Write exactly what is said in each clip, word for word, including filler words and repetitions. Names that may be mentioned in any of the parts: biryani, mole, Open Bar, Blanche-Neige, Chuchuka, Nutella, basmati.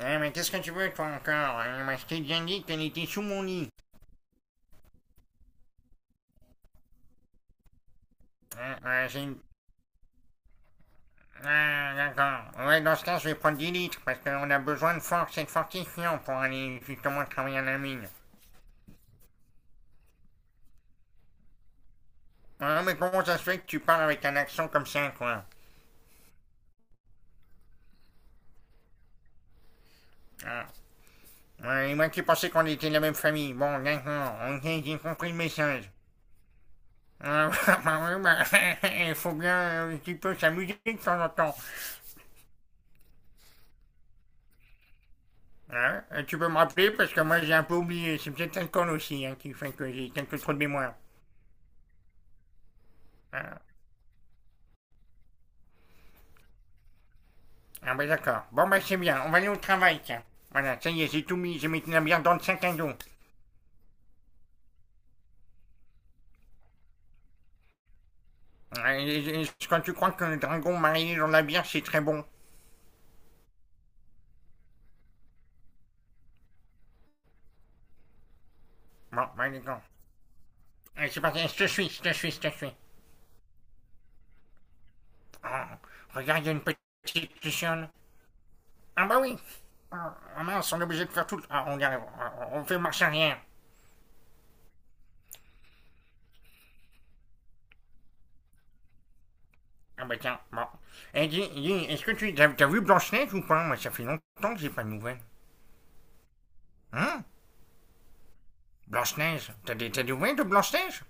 Eh, mais qu'est-ce que tu veux, toi, encore? Eh, moi, je t'ai déjà dit qu'elle était sous mon lit. Ah, ah, Ah, d'accord. Ouais, dans ce cas, je vais prendre dix litres, parce qu'on a besoin de force et de fortifiant pour aller justement travailler à la mine. Ah, mais comment ça se fait que tu parles avec un accent comme ça, quoi? Ah, ouais, et moi qui pensais qu'on était de la même famille. Bon, d'accord, ok, j'ai compris le message. Ah, bah, ouais, bah, il faut bien euh, un petit peu s'amuser de temps en temps. Hein? Euh, tu peux me rappeler parce que moi j'ai un peu oublié. C'est peut-être l'alcool aussi, hein, qui fait que j'ai quelques trop de mémoire. Hein. Ah bah d'accord. Bon bah c'est bien, on va aller au travail tiens. Voilà, ça y est, j'ai tout mis, j'ai mis la bière dans le sac à dos. Ouais, et- et- quand tu crois que le dragon marié dans la bière c'est très bon. Bon, bah d'accord, c'est parti, je te suis, je te suis, je te suis. Oh, regarde, il y a une petite luciole. Ah bah oui. Ah ah mince, on est obligé de faire tout le- Ah, on Ah, on fait marche arrière. Ah bah tiens, bon. Eh, dis, dis, est-ce que tu as vu Blanche-Neige ou pas? Moi, ça fait longtemps que j'ai pas de nouvelles. Hein? Blanche-Neige? T'as des, t'as des nouvelles de Blanche-Neige?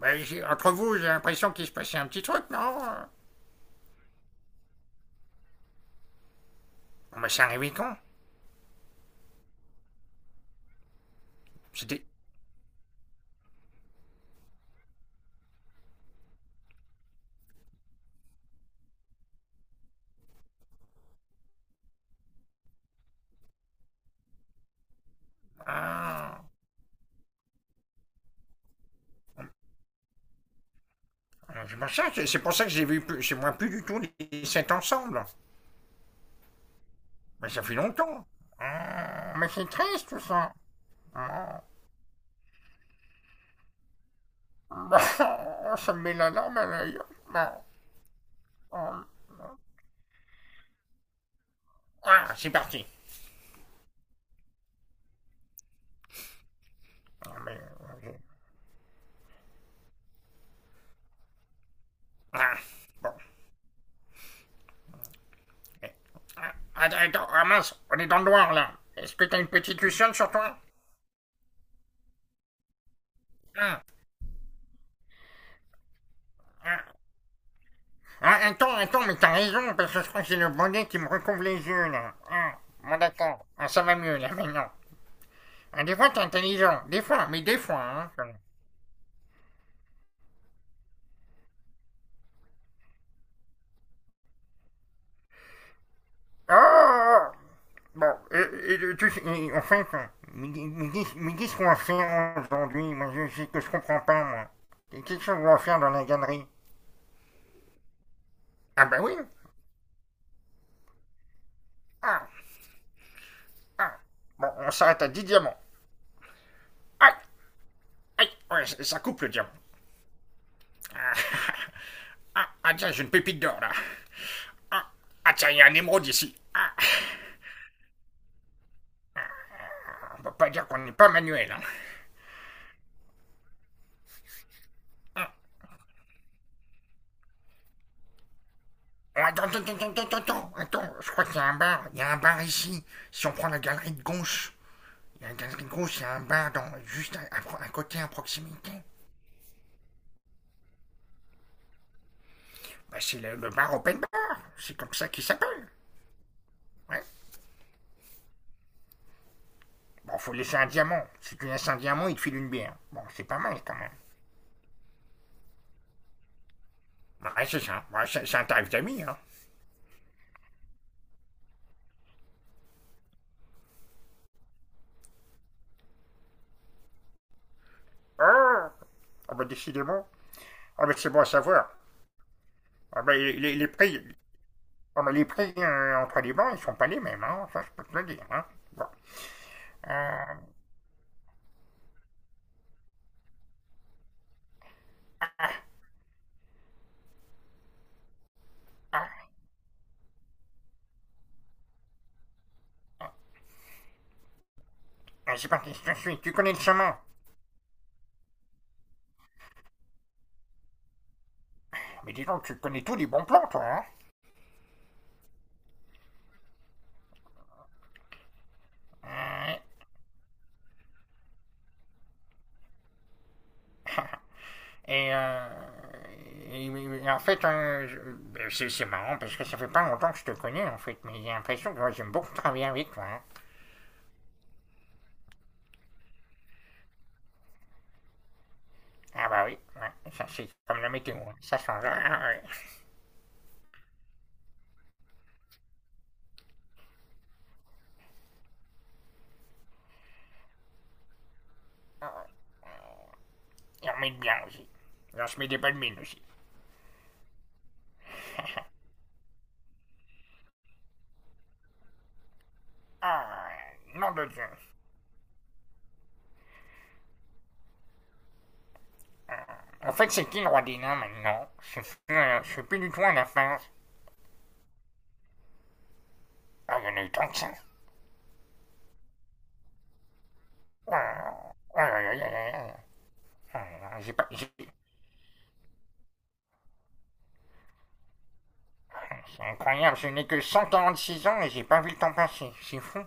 Bah, entre vous, j'ai l'impression qu'il se passait un petit truc, non? Bon, bah, c'est arrivé quand? C'était… Ah, c'est pour ça, c'est pour ça que j'ai vu plus, c'est moi plus du tout les sept ensemble. Mais ça fait longtemps. Ah, mais c'est triste, tout ça. Ah, bah, ça me met la larme à l'œil. Ah, ah, c'est parti. Ah, mais, euh, ah, bon. Attends, attends, ah mince, on est dans le noir là. Est-ce que t'as une petite luciole sur toi? Ah, ah, ah, Attends, attends, mais t'as raison, parce que je crois que c'est le bonnet qui me recouvre les yeux là. Ah, bon d'accord, ah, ça va mieux là maintenant. Ah, des fois t'es intelligent, des fois, mais des fois. Hein. Oh oh, oh. Bon, et, et, tu sais, et, en fait, mais, mais dis- mais dis ce qu'on va faire aujourd'hui, moi je sais que je comprends pas moi. Qu'est-ce qu'on va faire dans la galerie? Ah bah oui. Ah, ah. Bon, on s'arrête à dix diamants. Ah. Aïe, ouais, ça coupe le diamant. Ah, ah, ah, tiens, j'ai une pépite d'or là. Ah, ah, tiens, il y a un émeraude ici. Ah, on peut pas dire qu'on n'est pas manuel. Hein. Oh, attends, attends, attends, attends, attends, attends, je crois qu'il y a un bar. Il y a un bar ici. Si on prend la galerie de gauche, il y a la galerie de gauche, il y a un bar dans, juste à, à à côté, à proximité. Bah, c'est le, le bar Open Bar. C'est comme ça qu'il s'appelle. Ouais. Bon, faut laisser un diamant. Si tu laisses un diamant, il te file une bière. Bon, c'est pas mal quand même. Bah, ouais, c'est ça. Ouais, c'est c'est un tarif d'amis, hein. Ah. Ah bah décidément. Ah bah c'est bon à savoir. Ah bah les, les- les prix, ah bah les prix euh, entre les bancs, ils sont pas les mêmes, hein. Ça, je peux te le dire, hein. Bon. Euh, ah, ah, ah, c'est parti, je te suis. Tu connais le chemin. Mais dis donc, tu connais tous les bons plans, toi, hein. Euh, et, euh, et- et en fait, euh, ben, c'est c'est marrant parce que ça fait pas longtemps que je te connais, en fait. Mais j'ai l'impression que ouais, j'aime beaucoup travailler avec toi, hein. Ah bah oui, ouais, ça c'est comme la météo, hein, ça change. Ah ouais. Ah ouais. Il en bien aussi. Il en se met des belles mines aussi. Ah, nom de Dieu. En fait, c'est qui le roi des nains maintenant? Je suis euh, je suis plus du tout à la fin. Ah, il y en a eu tant que ça. Ah, ah, ah, ah, ah, ah, ah, ah, J'ai pas. J'ai- C'est incroyable, je n'ai que cent quarante-six ans et j'ai pas vu le temps passer. C'est fou.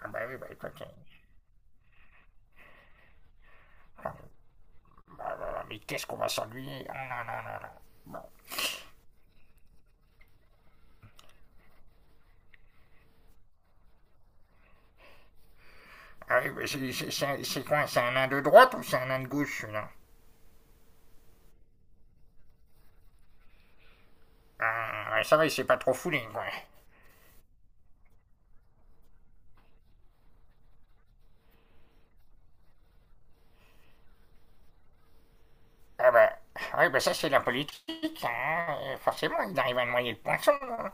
Ah, bah oui, bah écoute, euh, bah, bah, bah, mais qu'est-ce qu'on va s'ennuyer? Ah, non, non, non, non. Ah oui, mais c'est- c'est- c'est c'est quoi? C'est un nain de droite ou c'est un nain de gauche celui-là? Ah, ouais, ça va, il s'est pas trop foulé, quoi. Ah bah, ah oui, bah ça c'est la politique, hein. Euh, forcément, ils arrivent à noyer le poisson, hein.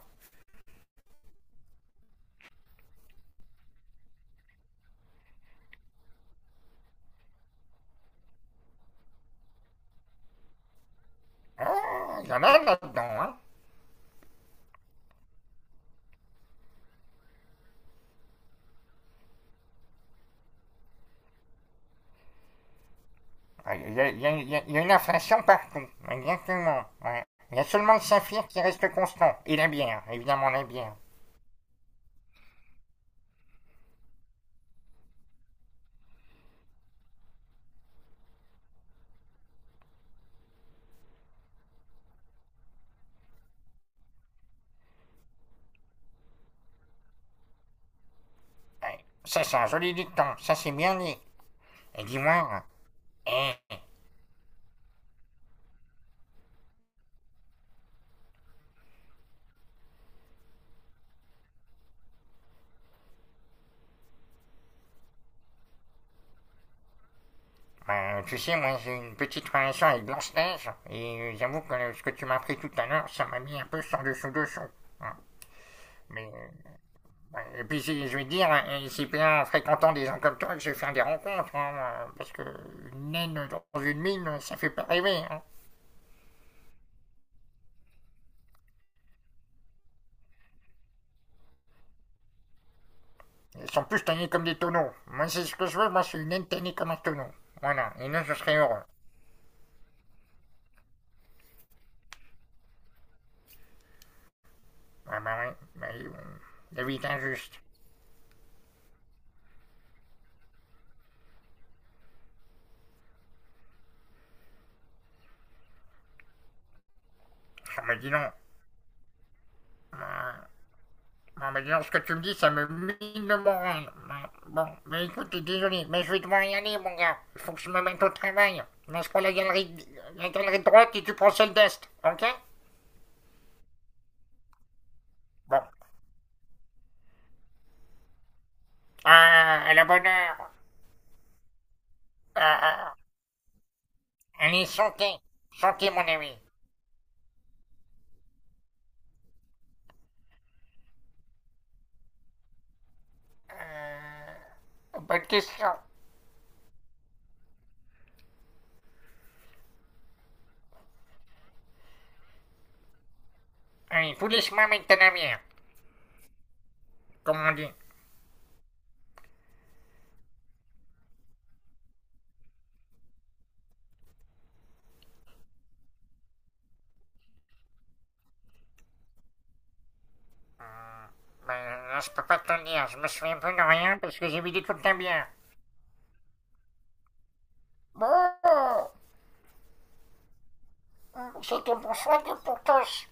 Ah, il y en a là-dedans. Hein. Ah, Il y, a- il y a- il y a- une inflation partout, exactement, ouais. Il y a seulement le saphir qui reste constant, et la bière, évidemment la bière. Ouais. Ça c'est un joli dicton, ça c'est bien dit. Et dis-moi, eh, ben, tu sais, moi j'ai une petite relation avec Blanche-Neige, et j'avoue que ce que tu m'as appris tout à l'heure, ça m'a mis un peu sur le dessous-dessous, hein. Mais euh, et puis, je je vais dire, euh, c'est bien en fréquentant des gens comme toi que je vais faire des rencontres, hein, euh, parce que une naine dans une mine, ça fait pas rêver. Hein. Ils sont plus tannés comme des tonneaux. Moi, c'est ce que je veux, moi, c'est une naine tannée comme un tonneau. Voilà, et là, je serais heureux. Ah bah oui, bah, oui, bon, la vie est injuste. Ah bah dis non. Ah bah dis non, ce que tu me dis, ça me mine le moral. Bah, bon, mais écoute, désolé, mais je vais devoir y aller, mon gars. Il faut que je me mette au travail. Là, je prends la galerie, la galerie de droite et tu prends celle d'est, ok? Bon. Ah, à la bonne heure. Ah, allez, chantez. Chantez, mon ami. Bonne question. Allez, vous laisse-moi mettre ta navire, comme on dit. Ben, là, je peux pas te le dire. Je me souviens plus de rien parce que j'ai vidé toute la bière. Bon, c'était pour soi et pour tous.